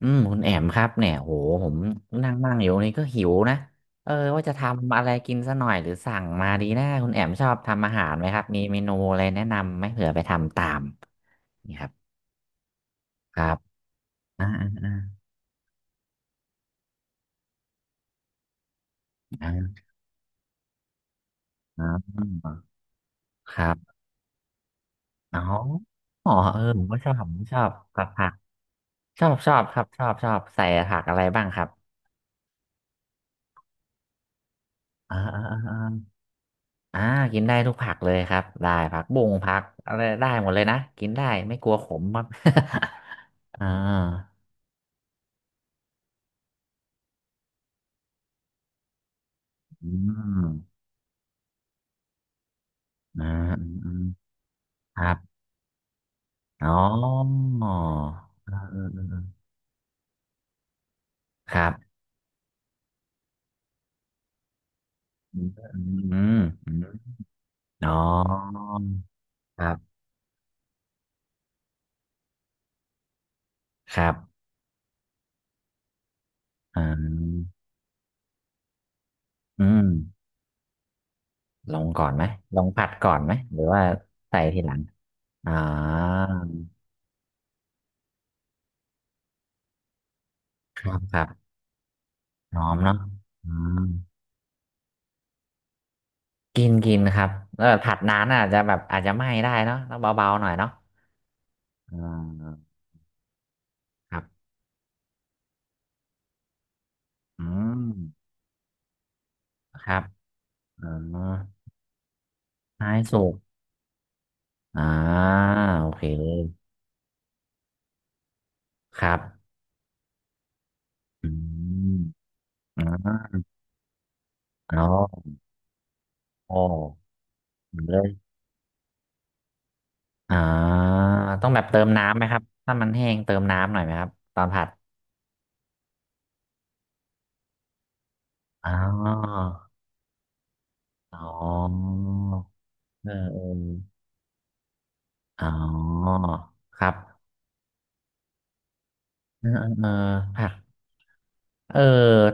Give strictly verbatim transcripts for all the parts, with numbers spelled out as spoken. อืมคุณแอมครับเนี่ยโหผมนั่งนั่งอยู่นี่ก็หิวนะเออว่าจะทำอะไรกินซะหน่อยหรือสั่งมาดีนะคุณแอมชอบทำอาหารไหมครับมีเมนูอะไรแนะนำไหมเผื่อไปทำตามนี่ครับครับอ่าอ่าอ่าอ่าอ่าครับอ๋ออ๋อเออผมก็ชอบผมชอบผักผักชอบชอบครับชอบชอบใส่ผักอะไรบ้างครับอ่าอ่าอ่า อ่ากินได้ทุกผักเลยครับได้ผักบุ้งผักอะไรได้หมดเลยนะกินได้ไม่กลัวขมครับ อ่าอืมอ่าอืมอืมครับอ๋อเออเออเออเออครับอืมอืมอืมอ๋อครับครับอ่าอืมลงก่อนไหมลงผัดก่อนไหมหรือว่าใส่ทีหลังอ่าครับครับหอมเนาะอืม กินกินครับแล้วแบบผัดนานอาจจะแบบอาจจะไหม้ได้เนาะต้องเบาๆหน่อยเนาะอ่าครับอืมครับอ๋อท้ายสุกอ่าโอเคครับอืมอ่าอ๋อโอ้เลยอ่าต้องแบบเติมน้ำไหมครับถ้ามันแห้งเติมน้ำหน่อยไหมครับตอนผัดอ๋ออ๋อเออเอออ๋อครับเออเออเออผัก เออ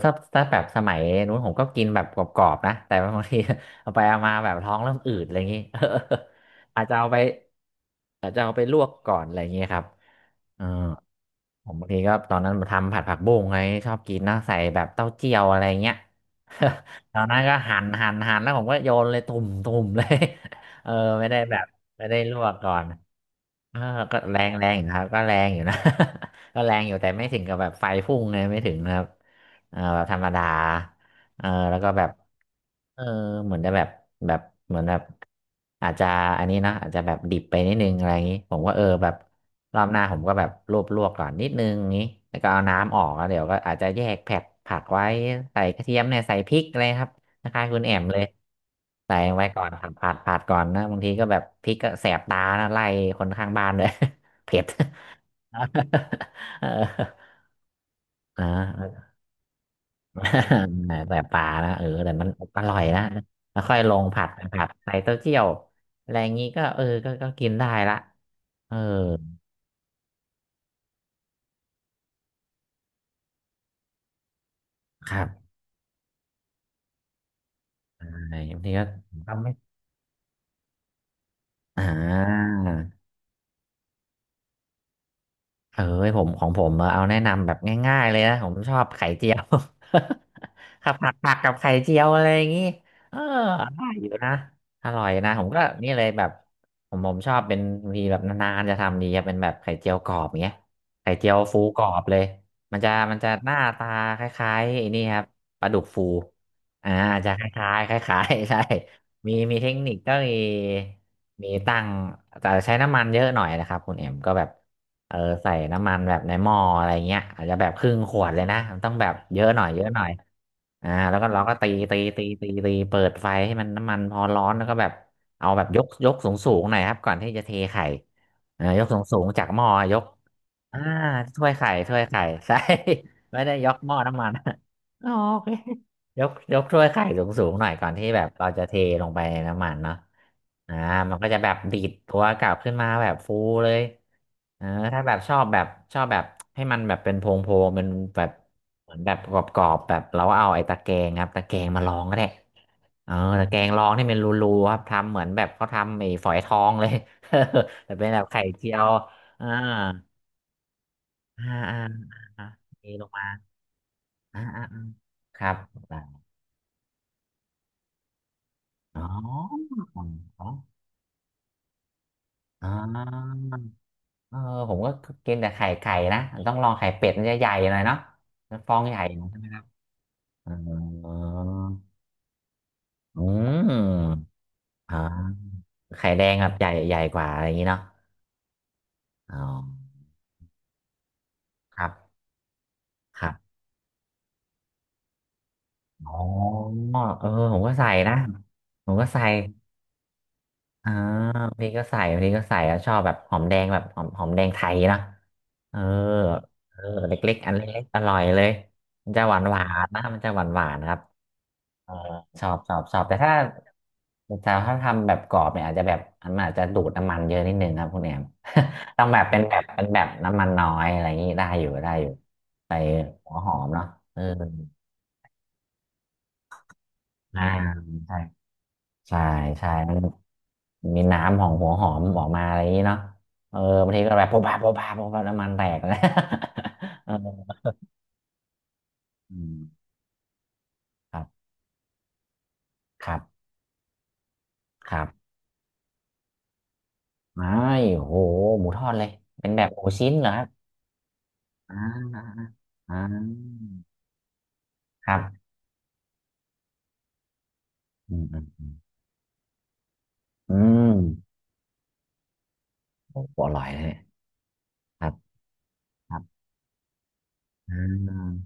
ถ้าถ้าแบบสมัยนู้นผมก็กินแบบกรอบๆนะแต่บางที เอาไปเอามาแบบท้องเริ่มอืดอะไรอย่างงี้ เอออาจจะเอาไปอาจจะเอาไปลวกก่อนอะไรอย่างงี้ครับเออผมบางทีก็ตอนนั้นทำผัดผักบุ้งไงชอบกินนะใส่แบบเต้าเจี้ยวอะไรเงี้ย ตอนนั้นก็หั่นหั่นหั่นแล้วผมก็โยนเลยตุ่มตุ่มเลย เออไม่ได้แบบไม่ได้ลวกก่อน เออก็แรงแรงอยู่นะครับก็แรงอยู่นะ ก็แรงอยู่แต่ไม่ถึงกับแบบไฟพุ่งเลยไม่ถึงนะครับเออแบบธรรมดาเออแล้วก็แบบเออเหมือนจะแบบแบบเหมือนแบบอาจจะอันนี้นะอาจจะแบบดิบไปนิดนึงอะไรอย่างนี้ผมก็เออแบบรอบหน้าผมก็แบบลวกลวกก่อนนิดนึงอย่างนี้แล้วก็เอาน้ำออกแล้วเดี๋ยวก็อาจจะแยกแผกผักไว้ใส่กระเทียมเนี่ยใส่พริกอะไรครับ คล้ายๆคุณแอมเลยใส่ไว้ก่อนผัดผัดผัดก่อนนะบางทีก็แบบพริกก็แสบตานะไล่คนข้างบ้านด้วย เผ็ด เอออ่า แต่ปลานะเออแต่มันอร่อยนะแล้วค่อยลงผัดผัดใส่เต้าเจี้ยวอะไรอย่างงี้ก็เออก็ก็กินได้ละเออครับใช่บางทีก็ทำไม่อ่า เอ้ยผมของผมเอาแนะนำแบบง่ายๆเลยนะผมชอบไข่เจียว ขับผัดผักกับไข่เจียวอะไรอย่างงี้เอออร่อยอยู่นะอร่อยนะผมก็นี่เลยแบบผมผมชอบเป็นบางทีแบบนานๆจะทำดีครับเป็นแบบไข่เจียวกรอบอย่างเงี้ยไข่เจียวฟูกรอบเลยมันจะมันจะหน้าตาคล้ายๆไอ้นี่ครับปลาดุกฟูอ่าจะคล้ายๆคล้ายๆ ใช่มีมีเทคนิคก็มีมีตั้งแต่ใช้น้ำมันเยอะหน่อยนะครับคุณเอ็มก็แบบ เออใส่น้ำมันแบบในหม้ออะไรเงี้ยอาจจะแบบครึ่งขวดเลยนะมันต้องแบบเยอะหน่อยเยอะหน่อยอ่าแล้วก็เราก็ตีตีตีตีตีเปิดไฟให้มันน้ำมันพอร้อนแล้วก็แบบเอาแบบยกยกสูงสูงหน่อยครับก่อนที่จะเทไข่อ่ายกสูงสูงจากหม้อยกอ่าถ้วยไข่ถ้วยไข่ ใช่ ไม่ได้ยกหม้อน้ำมันอ๋อโอเค ยกยกถ้วยไข่สูงสูงหน่อยก่อนที่แบบเราจะเทลงไปในน้ำมันเนาะอ่ามันก็จะแบบดีดตัวกลับขึ้นมาแบบฟูเลย เออถ้าแบบชอบแบบชอบแบบให้มันแบบเป็นโพงโพงเป็นแบบเหมือนแบบกรอบๆแบบเราก็เอาไอ้ตะแกรงครับตะแกรงมาลองก็ได้เออตะแกรงลองนี่เป็นรูๆครับทำเหมือนแบบเขาทำไอ้ฝอยทองเลย แต่เป็นแบบไข่เจียวอ่าอ่าอ่าอ่ามีลงมาอ่าอ่าอ่าครับอ๋ออ๋ออ๋อเออผมก็กินแต่ไข่ไก่นะต้องลองไข่เป็ดมันจะใหญ่หน่อยเนาะมันฟองใหญ่หน่อยใช่ไหมครับอ๋อ อืมอ่าไข่แดงครับใหญ่ใหญ่กว่าอะไรอย่างนี้เนาะอ๋อครับครับอ๋อเออผมก็ใส่นะผมก็ใส่อ่าบางทีก็ใส่บางทีก็ใส่แล้วชอบแบบหอมแดงแบบหอมหอมแดงไทยนะเออเออเล็กๆอันเล็กๆอร่อยเลยมันจะหวานหวานนะมันจะหวานหวานครับ เออชอบชอบชอบแต่ถ้าแต่ถ้าทำแบบกรอบเนี่ยอาจจะแบบมันอาจจะดูดน้ำมันเยอะนิดนึงนะับคุณแอม ต้องแบบเป็นแบบเป็นแบบน้ำมันน้อยอะไรอย่างนี้ได้อยู่ได้อยู่ไปหัวหอมเนาะเอออ่าใช่ใช่ใช่มันมีน้ำของหัวหอมออกมาอะไรอย่างนี้เนาะเออบางทีก็แบบโป๊ะปะโป๊ะปะโป๊ะปะน้ำมันแตกนะ เอออืมครับครับครับอ้ายโอ้โหหมูทอดเลยเป็นแบบหมูชิ้นเหรอครับ อ่าอ่าครับอืมอืมอืมอืมโอ้โหอร่อยเลยครับครับอ่า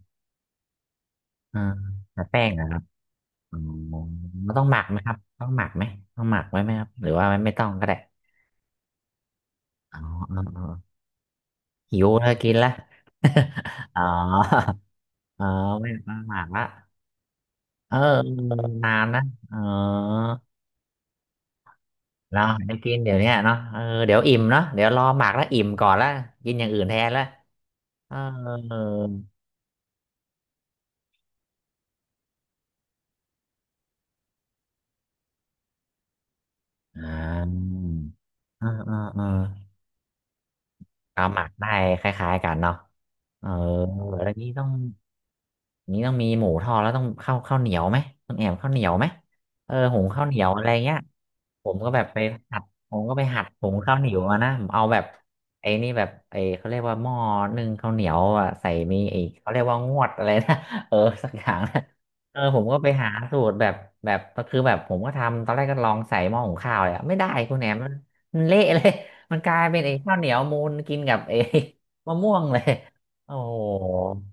อ่าแต่แป้งนะครับอ๋อมันต้องหมักไหมครับต้องหมักไหมต้องหมักไว้ไหมครับหรือว่าไม่มต้องก็ได้อ๋ออ๋ออ๋อหิวแล้วกินละ อ๋อเออไม่ต้องหมักละเออนานนะเออเราได้กินเดี๋ยวเนี้ยเนาะเออเดี๋ยวอิ่มเนาะเดี๋ยวรอหมักแล้วอิ่มก่อนแล้วกินอย่างอื่นแทนแล้วเออ อ่าอ่าอ่าอ่าเอาหมักได้คล้ายๆกันเนาะเออแล้วนี้ต้อง นี้ต้องมีหมูทอดแล้วต้องเข้าวข้าวเหนียวไหมต้องแอบข้าวเหนียวไหมเออหุงข้าวเหนียวอะไรเงี้ยผมก็แบบไปหัดผมก็ไปหัดหุงข้าวเหนียวมานะผมเอาแบบไอ้นี่แบบไอ้เขาเรียกว่าหม้อนึ่งข้าวเหนียวอ่ะใส่มีไอ้เขาเรียกว่างวดอะไรนะ เออสักอย่าง นะเออผมก็ไปหาสูตรแบบแบบก็คือแบบผมก็ทำตอนแรกก็ลองใส่หม้อหุงข้าวเลยอะไม่ได้คุณแหนมมันมันเละเลย มันกลายเป็นไอ้ข้าวเหนียวมูนกินกับไอ้ มะม่วงเลยโอ้โห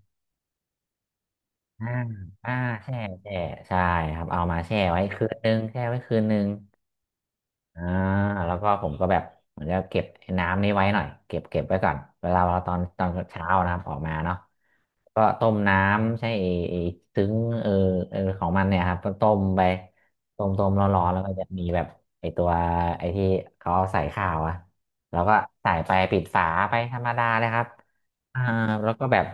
อ่าอ่าแช่แช่ใช่ครับเอามาแช่ไว้คืนนึงแช่ไว้คืนนึง อ่าแล้วก็ผมก็แบบเหมือนจะเก็บไอ้น้ำนี้ไว้หน่อยเก็บเก็บไว้ก่อนเวลาเราตอนตอนเช้านะครับออกมาเนาะก็ต้มน้ำใช่ไอ้ไอ้ซึ้งเออเออของมันเนี่ยครับก็ต้มไปต้มต้มร้อนๆแล้วก็จะมีแบบไอ้ตัวไอ้ที่เขาเอาใส่ข้าวอะแล้วก็ใส่ไปปิดฝาไปธรรมดาเลยครับอ่าแล้วก็แบบ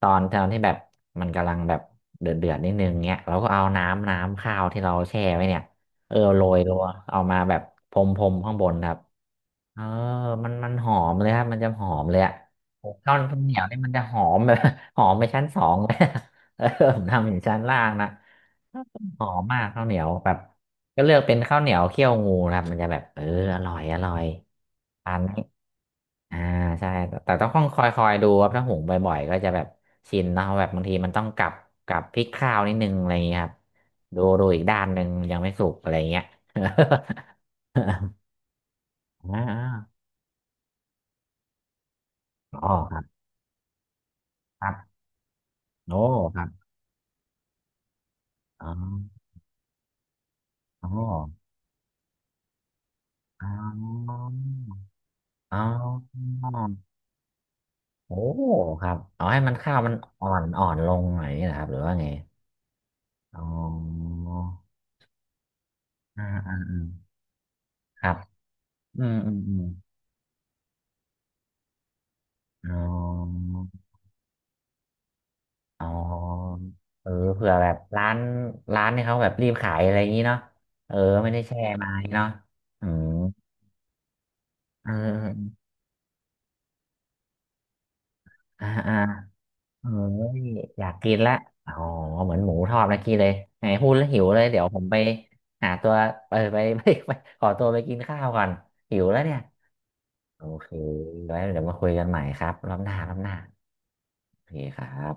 ตอนตอนที่แบบมันกำลังแบบเดือดเดือดนิดนึงเงี้ยเราก็เอาน้ำน้ำข้าวที่เราแช่ไว้เนี่ย เออโรยตัวเอามาแบบพรมพรมข้างบนครับเออมันมันหอมเลยครับมันจะหอมเลยอะข้าวข้าวเหนียวนี่มันจะหอมแบบ หอมไปชั้นสอง เลยอะเออผมทำอยู่ชั้นล่างนะหอมมากข้าวเหนียวแบบก็เลือกเป็นข้าวเหนียวเคี่ยวงูนะครับมันจะแบบเอออร่อยอร่อยทาน อ่าใช่แต่แต่ต้องคอยคอยดูครับถ้าหุงบ่อยๆก็จะแบบชินเนาะแบบบางทีมันต้องกลับกลับพลิกข้าวนิดนึงอะไรอย่างเงี้ยครับดูดูอีกด้านหนึ่งยังไม่สุกอะไรอย่างเงี้ย อ่าอ๋อครับครับโอ้ครับอ๋ออ๋ออ๋ออ๋อโอ้ครับเอาให้มันข้าวมันอ่อนอ่อนลงหน่อยนี่นะครับหรือว่าไงอ๋ออ่าอ่าอ่าครับอืมอืมอืมอ๋อ อ๋อเออเผื่อแบบร้านร้านที่เขาแบบรีบขายอะไรอย่างนี้เนาะเออไม่ได้แช่มาเนาะอืมเอออ่าอ่าเอออยากกินละอ๋อเหมือนหมูทอดเมื่อกี้เลยไหนพูดแล้วหิวเลยเดี๋ยวผมไปหาตัวเออไป ไปไปขอตัวไปกินข้าวก่อนหิวแล้วเนี่ยโอเคไว้เดี๋ยวมาคุยกันใหม่ครับรอบหน้ารอบหน้าโอเคครับ